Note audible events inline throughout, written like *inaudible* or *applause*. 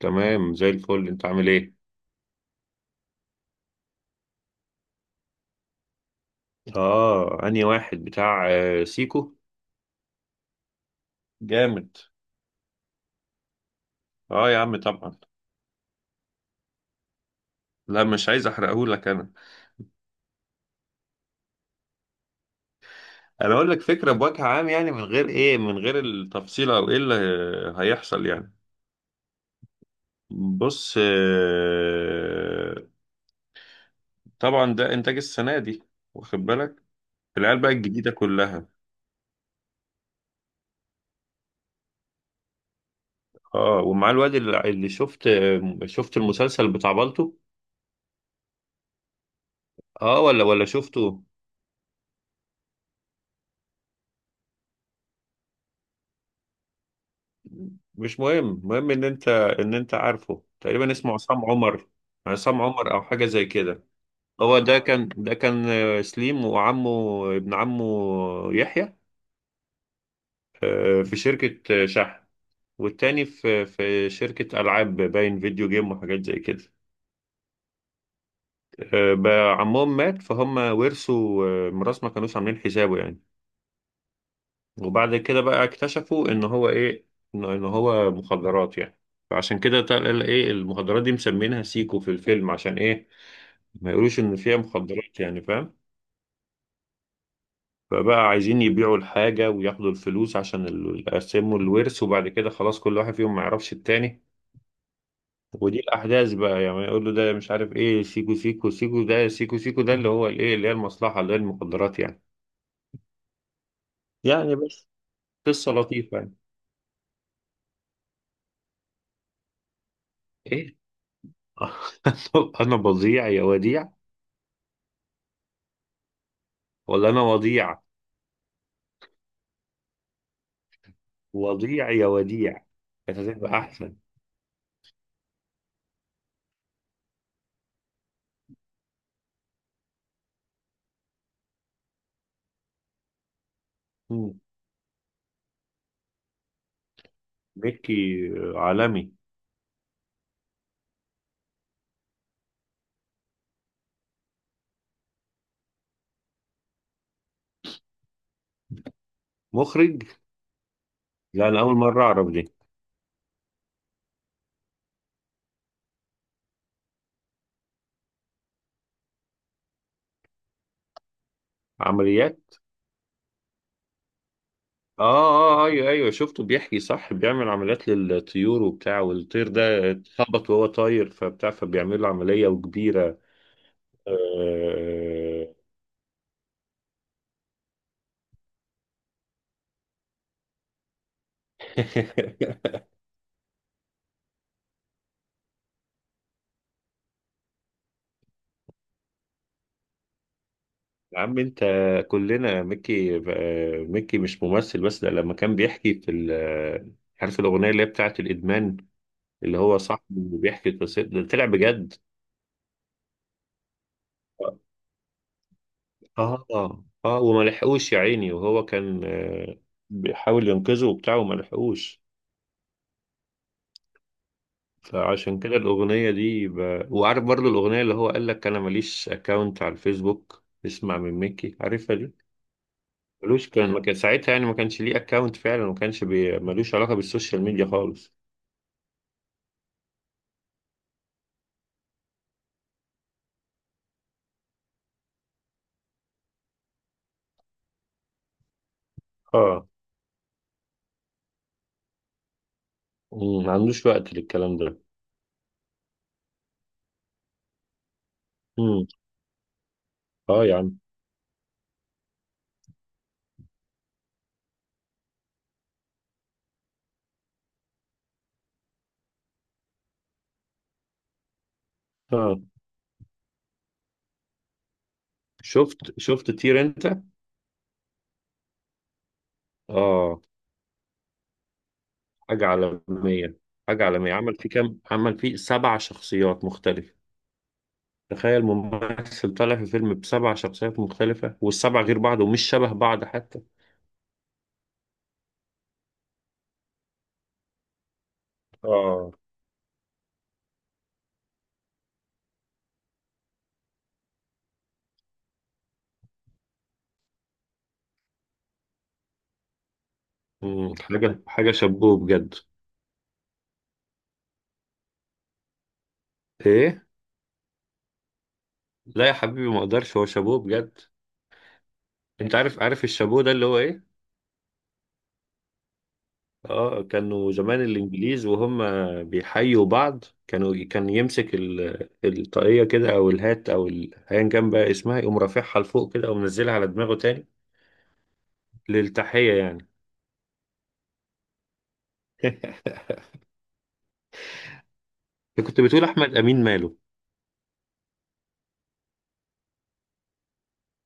تمام زي الفل. انت عامل ايه؟ اه، انهي واحد؟ بتاع سيكو. جامد. اه يا عم طبعا. لا، مش عايز احرقهولك انا. انا اقول لك فكره بوجه عام، يعني من غير ايه، من غير التفصيل او ايه اللي هيحصل يعني. بص، طبعا ده انتاج السنه دي، واخد بالك؟ العيال بقى الجديده كلها. اه، ومع الواد اللي شفت، شفت المسلسل بتاع بالطو؟ اه، ولا شفته. مش مهم، المهم ان انت عارفه، تقريبا اسمه عصام عمر. عصام عمر او حاجه زي كده. هو ده كان سليم، وعمه، ابن عمه، يحيى، في شركه شحن، والتاني في شركه العاب، باين فيديو جيم وحاجات زي كده. بقى عمهم مات، فهم ورثوا ميراث ما كانوش عاملين حسابه يعني. وبعد كده بقى اكتشفوا ان هو ايه، ان هو مخدرات يعني. فعشان كده تقل ايه، المخدرات دي مسمينها سيكو في الفيلم، عشان ايه؟ ما يقولوش ان فيها مخدرات يعني، فاهم؟ فبقى عايزين يبيعوا الحاجة وياخدوا الفلوس عشان يقسموا الورث، وبعد كده خلاص كل واحد فيهم ما يعرفش التاني. ودي الأحداث بقى يعني. يقول له ده مش عارف ايه، سيكو سيكو سيكو، ده سيكو سيكو، ده اللي هو الايه، اللي هي المصلحة، اللي هي المخدرات يعني. يعني بس، قصة لطيفة يعني. ايه؟ *laughs* انا بضيع يا وديع، ولا انا وضيع؟ وضيع يا وديع كانت هتبقى احسن. مم. مكي عالمي. مخرج؟ لا، انا اول مره اعرف دي. عمليات؟ اه اه، ايوه شفته بيحكي، صح، بيعمل عمليات للطيور وبتاع، والطير ده اتخبط وهو طاير، فبتاع فبيعمل له عمليه وكبيره. آه. *laughs* يا عم انت، كلنا ميكي. ميكي مش ممثل بس، ده لما كان بيحكي في عارف الاغنيه اللي هي بتاعت الادمان، اللي هو صاحبه اللي بيحكي قصته، ده طلع بجد. اه وما لحقوش يا عيني، وهو كان بيحاول ينقذه وبتاع وما لحقوش. فعشان كده الأغنية دي وعارف برضو الأغنية اللي هو قال لك أنا ماليش أكاونت على الفيسبوك، اسمع من ميكي، عارفها دي؟ ملوش، كان ما كان ساعتها يعني، ما كانش ليه أكاونت فعلا، وما كانش ملوش علاقة بالسوشيال ميديا خالص. اه. مم، ما عندوش وقت للكلام ده. مم. اه يا عم. اه. شفت طير انت؟ اه. حاجة عالمية. حاجة عالمية، عمل فيه كام، عمل فيه سبع شخصيات مختلفة. تخيل ممثل طالع في فيلم بسبع شخصيات مختلفة، والسبع غير بعض ومش شبه بعض حتى. اه. مم، حاجة شابوه بجد. ايه؟ لا يا حبيبي ما اقدرش، هو شابوه بجد. انت عارف الشابوه ده اللي هو ايه؟ اه، كانوا زمان الانجليز وهم بيحيوا بعض، كانوا كان يمسك الطاقية كده او الهات او ايا كان بقى اسمها إيه، يقوم رافعها لفوق كده ومنزلها على دماغه تاني، للتحية يعني. *laughs* كنت بتقول أحمد أمين ماله؟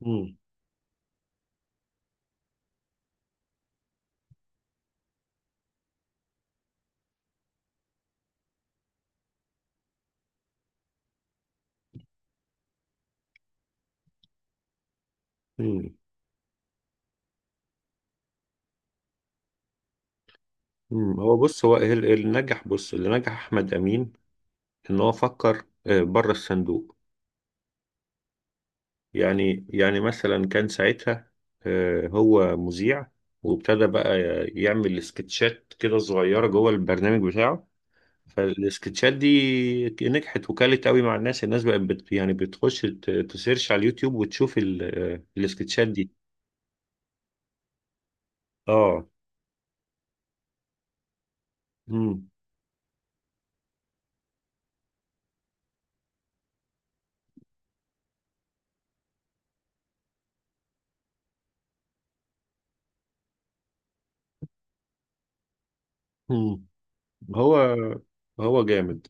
مم. مم. مم. هو بص، هو اللي نجح، بص، اللي نجح أحمد أمين، إن هو فكر بره الصندوق. يعني، يعني مثلا كان ساعتها هو مذيع، وابتدى بقى يعمل سكتشات كده صغيرة جوه البرنامج بتاعه. فالسكتشات دي نجحت وكلت قوي مع الناس، الناس بقت يعني بتخش تسيرش على اليوتيوب وتشوف السكتشات دي. اه. مم. هو هو جامد.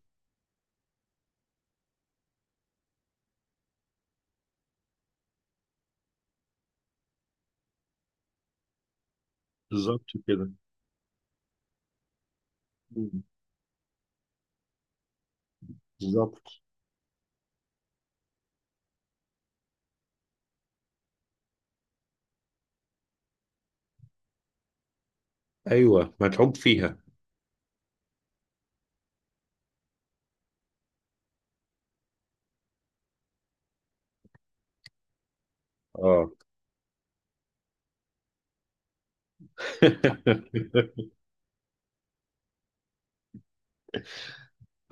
بالظبط كده. مم. بالظبط. ايوه متعوب فيها. اه. *laughs*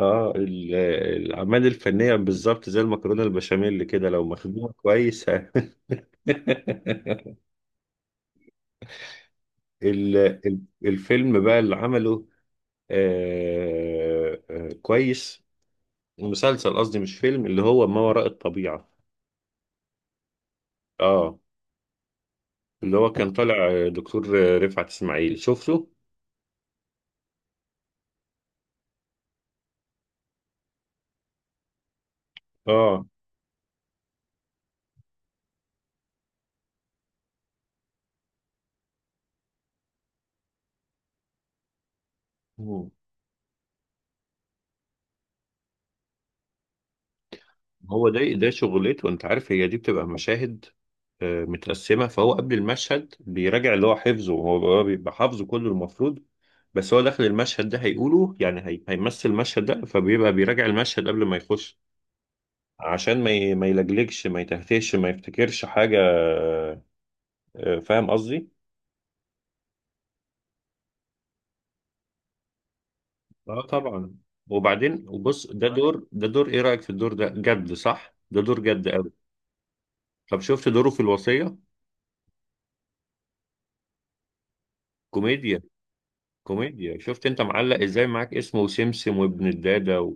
اه، الاعمال الفنيه بالظبط زي المكرونه البشاميل كده، لو مخدومه كويس. *laughs* ه- ال- الفيلم بقى اللي عمله، كويس، مسلسل قصدي مش فيلم، اللي هو ما وراء الطبيعه. اه، اللي هو كان طالع دكتور رفعت اسماعيل، شفته؟ اه. هو ده شغلته. انت عارف، هي دي بتبقى مشاهد متقسمه، فهو قبل المشهد بيراجع اللي هو حفظه. هو بيبقى حافظه كله المفروض، بس هو داخل المشهد ده هيقوله يعني، هي هيمثل المشهد ده، فبيبقى بيراجع المشهد قبل ما يخش، عشان ما يلجلجش، ما يتهتهش، ما يفتكرش حاجه فاهم قصدي؟ اه طبعا. وبعدين وبص، ده دور، ده دور ايه رايك في الدور ده؟ جد صح؟ ده دور جد قوي. طب شفت دوره في الوصيه؟ كوميديا. كوميديا، شفت انت معلق ازاي معاك، اسمه سمسم وابن الدادة و...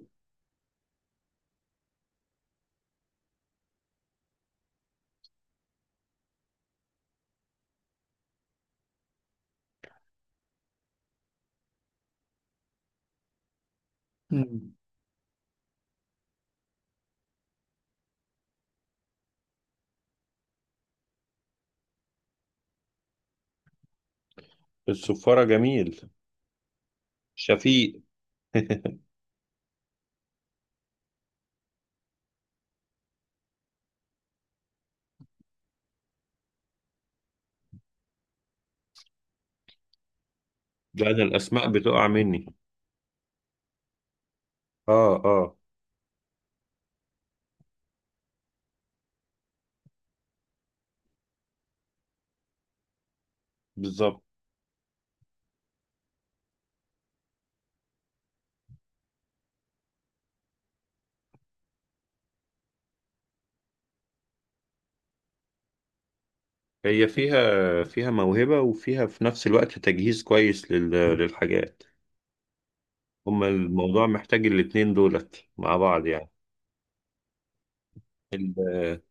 مم. الصفارة جميل. شفيق. *laughs* لا، انا الاسماء بتقع مني. اه اه. بالظبط. هي فيها، فيها موهبة، وفيها في نفس الوقت تجهيز كويس لل... للحاجات. هما الموضوع محتاج الاتنين دولت مع بعض يعني. ال-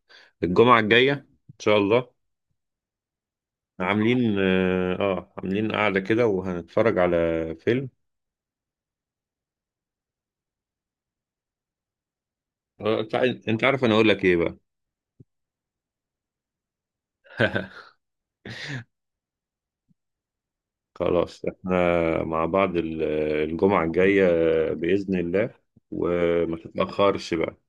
الجمعة الجاية ان شاء الله، عاملين اه، عاملين قعدة كده وهنتفرج على فيلم. انت عايز- أنت عارف انا اقول لك ايه بقى؟ *laughs* خلاص، احنا مع بعض الجمعة الجاية بإذن الله. وما تتأخرش بقى.